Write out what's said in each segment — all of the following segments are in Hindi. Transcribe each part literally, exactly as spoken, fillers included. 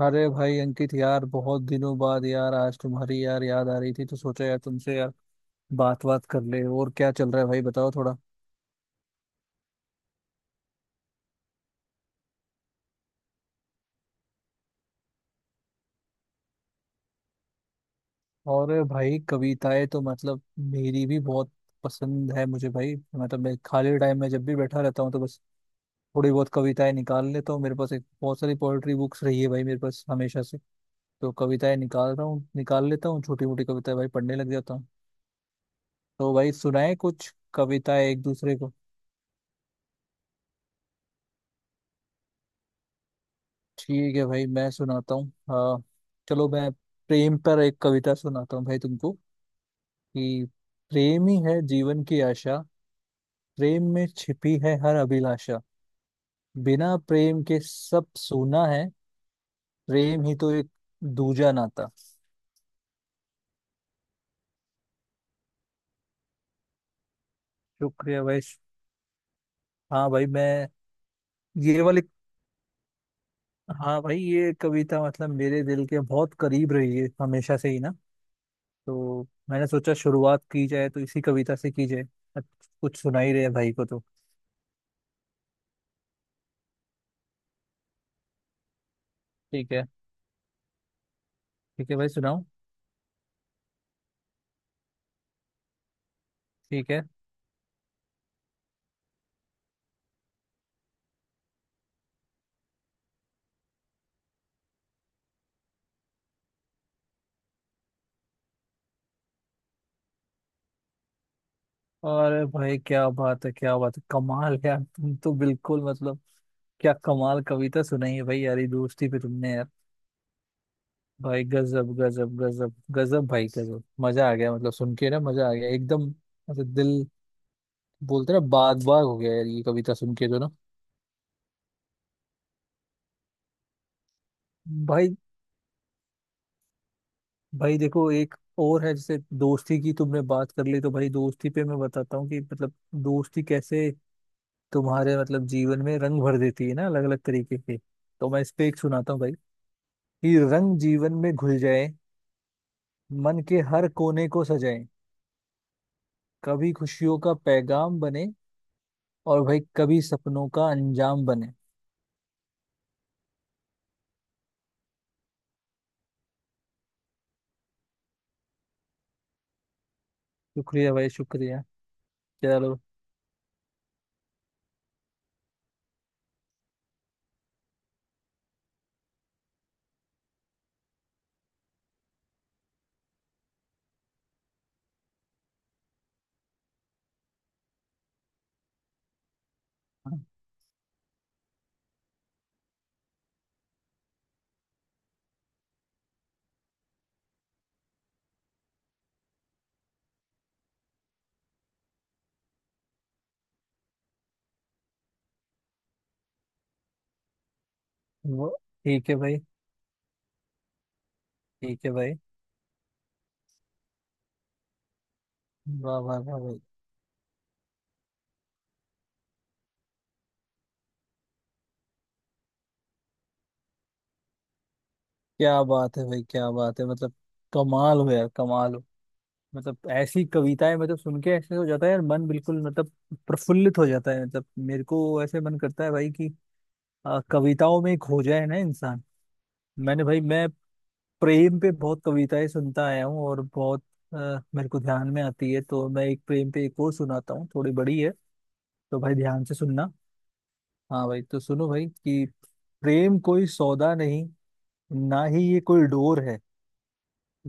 अरे भाई अंकित यार, बहुत दिनों बाद यार आज तुम्हारी यार याद आ रही थी तो सोचा यार तुमसे यार बात बात कर ले। और क्या चल रहा है भाई? बताओ थोड़ा। और भाई, कविताएं तो मतलब मेरी भी बहुत पसंद है मुझे भाई। मतलब मैं खाली टाइम में जब भी बैठा रहता हूँ तो बस थोड़ी बहुत कविताएं निकाल लेता हूँ। मेरे पास एक बहुत सारी पोएट्री बुक्स रही है भाई मेरे पास हमेशा से। तो कविताएं निकाल रहा हूँ, निकाल लेता हूँ छोटी मोटी कविताएं भाई, पढ़ने लग जाता हूँ। तो भाई सुनाए कुछ कविताएं एक दूसरे को। ठीक है भाई, मैं सुनाता हूँ। हाँ, चलो मैं प्रेम पर एक कविता सुनाता हूँ भाई तुमको। कि प्रेम ही है जीवन की आशा, प्रेम में छिपी है हर अभिलाषा। बिना प्रेम के सब सूना है, प्रेम ही तो एक दूजा नाता। शुक्रिया भाई। हाँ भाई मैं, ये वाली। हाँ भाई, ये कविता मतलब मेरे दिल के बहुत करीब रही है हमेशा से ही ना। तो मैंने सोचा शुरुआत की जाए तो इसी कविता से की जाए। अच्छा, कुछ सुना ही रहे भाई को तो। ठीक है। ठीक है भाई सुनाओ। ठीक है। अरे भाई क्या बात है, क्या बात है! कमाल यार, तुम तो बिल्कुल मतलब क्या कमाल कविता सुनाई है भाई यार, ये दोस्ती पे तुमने यार। भाई गजब गजब गजब गजब भाई गजब, मजा आ गया मतलब सुन के ना, मजा आ गया एकदम। मतलब दिल, बोलते ना, बाग बाग हो गया यार ये कविता सुन के तो ना। भाई, भाई देखो एक और है। जैसे दोस्ती की तुमने बात कर ली तो भाई दोस्ती पे मैं बताता हूँ कि मतलब दोस्ती कैसे तुम्हारे मतलब जीवन में रंग भर देती है ना, अलग अलग तरीके के। तो मैं इस पे एक सुनाता हूँ भाई कि रंग जीवन में घुल जाए, मन के हर कोने को सजाए। कभी खुशियों का पैगाम बने और भाई कभी सपनों का अंजाम बने। शुक्रिया भाई शुक्रिया। चलो वो ठीक है भाई, ठीक है भाई। वाह वाह वाह भाई! क्या बात है भाई, क्या बात है मतलब कमाल हो यार, कमाल हो। मतलब ऐसी कविताएं मतलब सुन के ऐसे हो जाता है यार मन बिल्कुल, मतलब प्रफुल्लित हो जाता है। मतलब मेरे को ऐसे मन करता है भाई कि आ, कविताओं में खो जाए ना इंसान। मैंने भाई, मैं प्रेम पे बहुत कविताएं सुनता आया हूँ और बहुत अ, मेरे को ध्यान में आती है तो मैं एक प्रेम पे एक और सुनाता हूँ, थोड़ी बड़ी है तो भाई ध्यान से सुनना। हाँ भाई तो सुनो भाई कि प्रेम कोई सौदा नहीं, ना ही ये कोई डोर है।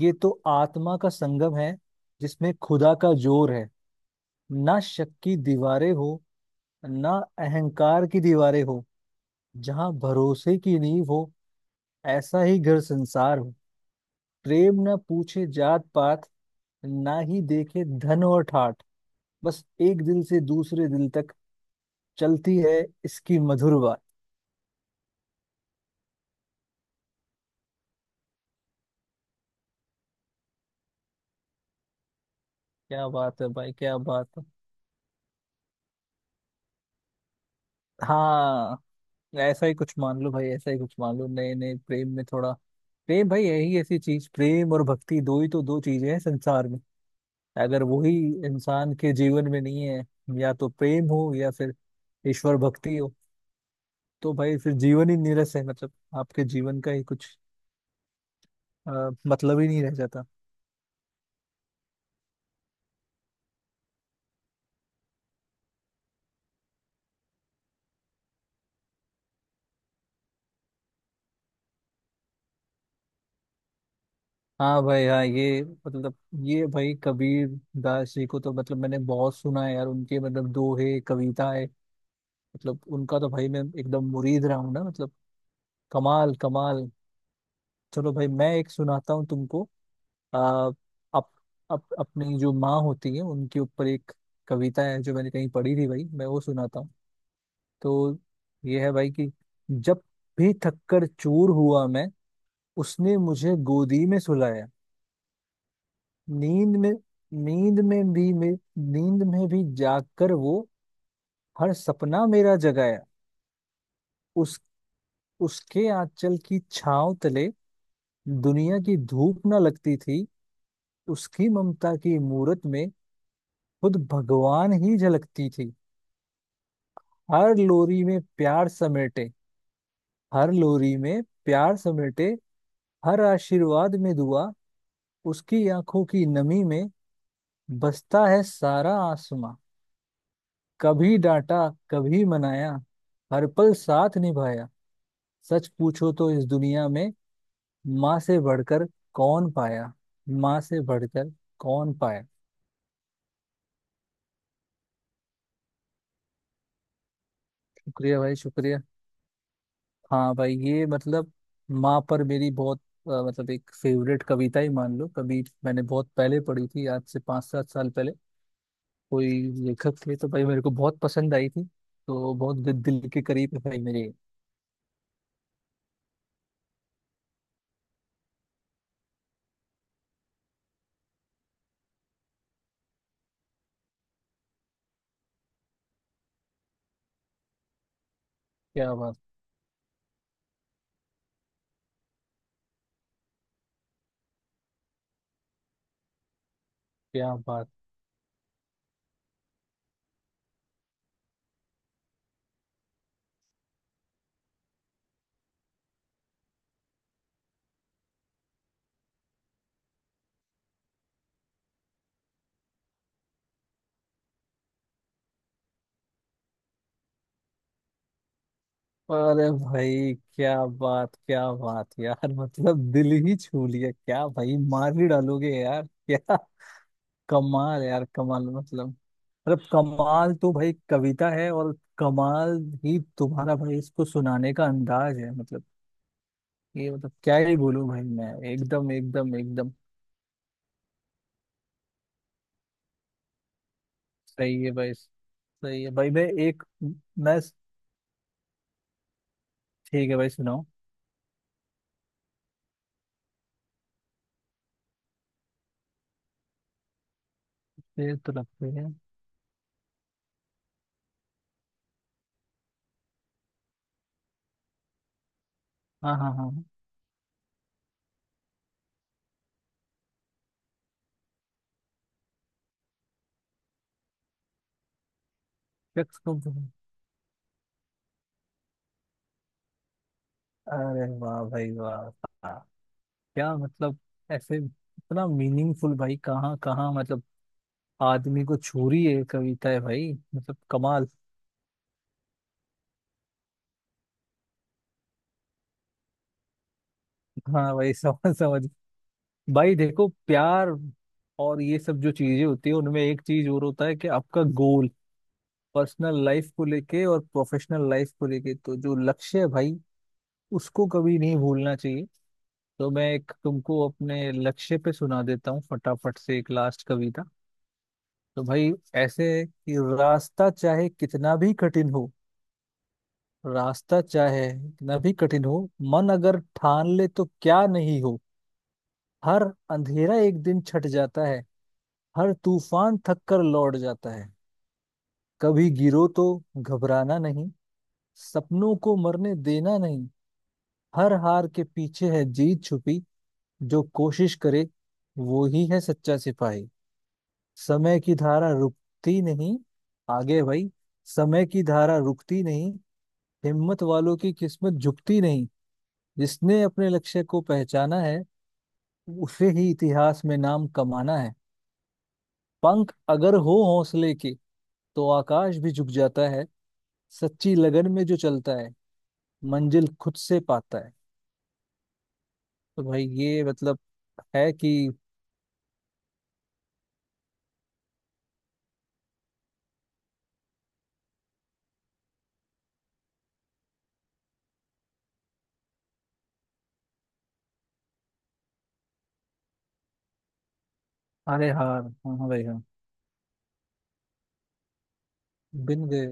ये तो आत्मा का संगम है, जिसमें खुदा का जोर है। ना शक की दीवारें हो, ना अहंकार की दीवारें हो। जहाँ भरोसे की नींव हो, ऐसा ही घर संसार हो। प्रेम न पूछे जात पात, ना ही देखे धन और ठाट। बस एक दिल से दूसरे दिल तक चलती है इसकी मधुर बात। क्या बात है भाई, क्या बात है। हाँ, ऐसा ही कुछ मान लो भाई, ऐसा ही कुछ मान लो, नए नए प्रेम में थोड़ा। प्रेम भाई यही ऐसी चीज, प्रेम और भक्ति दो ही तो दो चीजें हैं संसार में। अगर वही इंसान के जीवन में नहीं है, या तो प्रेम हो या फिर ईश्वर भक्ति हो, तो भाई फिर जीवन ही नीरस है। मतलब आपके जीवन का ही कुछ अ, मतलब ही नहीं रह जाता। हाँ भाई हाँ, ये मतलब ये भाई कबीर दास जी को तो मतलब मैंने बहुत सुना है यार, उनके मतलब दोहे कविताएं, मतलब उनका तो भाई मैं एकदम मुरीद रहा हूँ ना मतलब। कमाल, कमाल। चलो भाई मैं एक सुनाता हूँ तुमको। आ, अप, अप, अपनी जो माँ होती है उनके ऊपर एक कविता है जो मैंने कहीं पढ़ी थी भाई, मैं वो सुनाता हूँ। तो ये है भाई कि जब भी थक्कर चूर हुआ मैं, उसने मुझे गोदी में सुलाया। नींद में नींद में भी मे नींद में भी जागकर वो हर सपना मेरा जगाया। उस उसके आंचल की छांव तले दुनिया की धूप न लगती थी। उसकी ममता की मूरत में खुद भगवान ही झलकती थी। हर लोरी में प्यार समेटे हर लोरी में प्यार समेटे, हर आशीर्वाद में दुआ। उसकी आंखों की नमी में बसता है सारा आसमां। कभी डांटा कभी मनाया, हर पल साथ निभाया। सच पूछो तो इस दुनिया में माँ से बढ़कर कौन पाया? माँ से बढ़कर कौन पाया? शुक्रिया भाई शुक्रिया। हाँ भाई, ये मतलब माँ पर मेरी बहुत अ, मतलब एक फेवरेट कविता ही मान लो। कभी मैंने बहुत पहले पढ़ी थी, आज से पाँच सात साल पहले, कोई लेखक थे तो भाई मेरे को बहुत पसंद आई थी। तो बहुत दिल दिल के करीब है भाई मेरे। क्या बात, क्या बात! अरे भाई क्या बात, क्या बात यार! मतलब दिल ही छू लिया क्या भाई, मार ही डालोगे यार। क्या कमाल यार कमाल, मतलब मतलब कमाल तो भाई कविता है, और कमाल ही तुम्हारा भाई इसको सुनाने का अंदाज है मतलब। ये मतलब क्या ही बोलूं भाई मैं, एकदम एकदम एकदम। सही है भाई, सही है भाई। मैं एक, मैं ठीक है भाई सुनाओ। ये तो लगती है। हाँ हाँ हाँ। क्या- अरे वाह भाई वाह! क्या मतलब, ऐसे इतना मीनिंगफुल भाई, कहाँ कहाँ मतलब आदमी को छू रही है कविता है भाई, मतलब कमाल। हाँ भाई समझ समझ। भाई देखो, प्यार और ये सब जो चीजें होती है उनमें एक चीज और होता है कि आपका गोल, पर्सनल लाइफ को लेके और प्रोफेशनल लाइफ को लेके, तो जो लक्ष्य है भाई उसको कभी नहीं भूलना चाहिए। तो मैं एक तुमको अपने लक्ष्य पे सुना देता हूँ फटाफट से, एक लास्ट कविता। तो भाई ऐसे कि रास्ता चाहे कितना भी कठिन हो, रास्ता चाहे कितना भी कठिन हो, मन अगर ठान ले तो क्या नहीं हो। हर अंधेरा एक दिन छट जाता है, हर तूफान थक कर लौट जाता है। कभी गिरो तो घबराना नहीं, सपनों को मरने देना नहीं। हर हार के पीछे है जीत छुपी, जो कोशिश करे वो ही है सच्चा सिपाही। समय की धारा रुकती नहीं, आगे भाई, समय की धारा रुकती नहीं, हिम्मत वालों की किस्मत झुकती नहीं। जिसने अपने लक्ष्य को पहचाना है, उसे ही इतिहास में नाम कमाना है। पंख अगर हो हौसले के तो आकाश भी झुक जाता है, सच्ची लगन में जो चलता है मंजिल खुद से पाता है। तो भाई ये मतलब है कि अरे हार, हाँ हाँ भाई हाँ। बिन गए।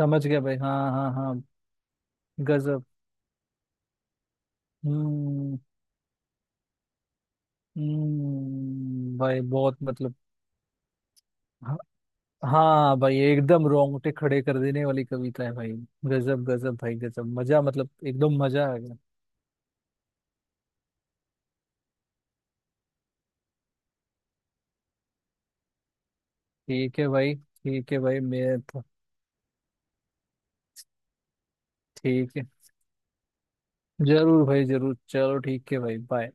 समझ गया भाई, हाँ हाँ हाँ। गजब। हम्म। हम्म भाई, बहुत मतलब। हाँ। हाँ भाई एकदम रोंगटे खड़े कर देने वाली कविता है भाई, गजब गजब भाई गजब मजा, मतलब एकदम मजा आ गया। ठीक है भाई, ठीक है भाई मैं तो- ठीक है। जरूर भाई जरूर, चलो ठीक है भाई, बाय।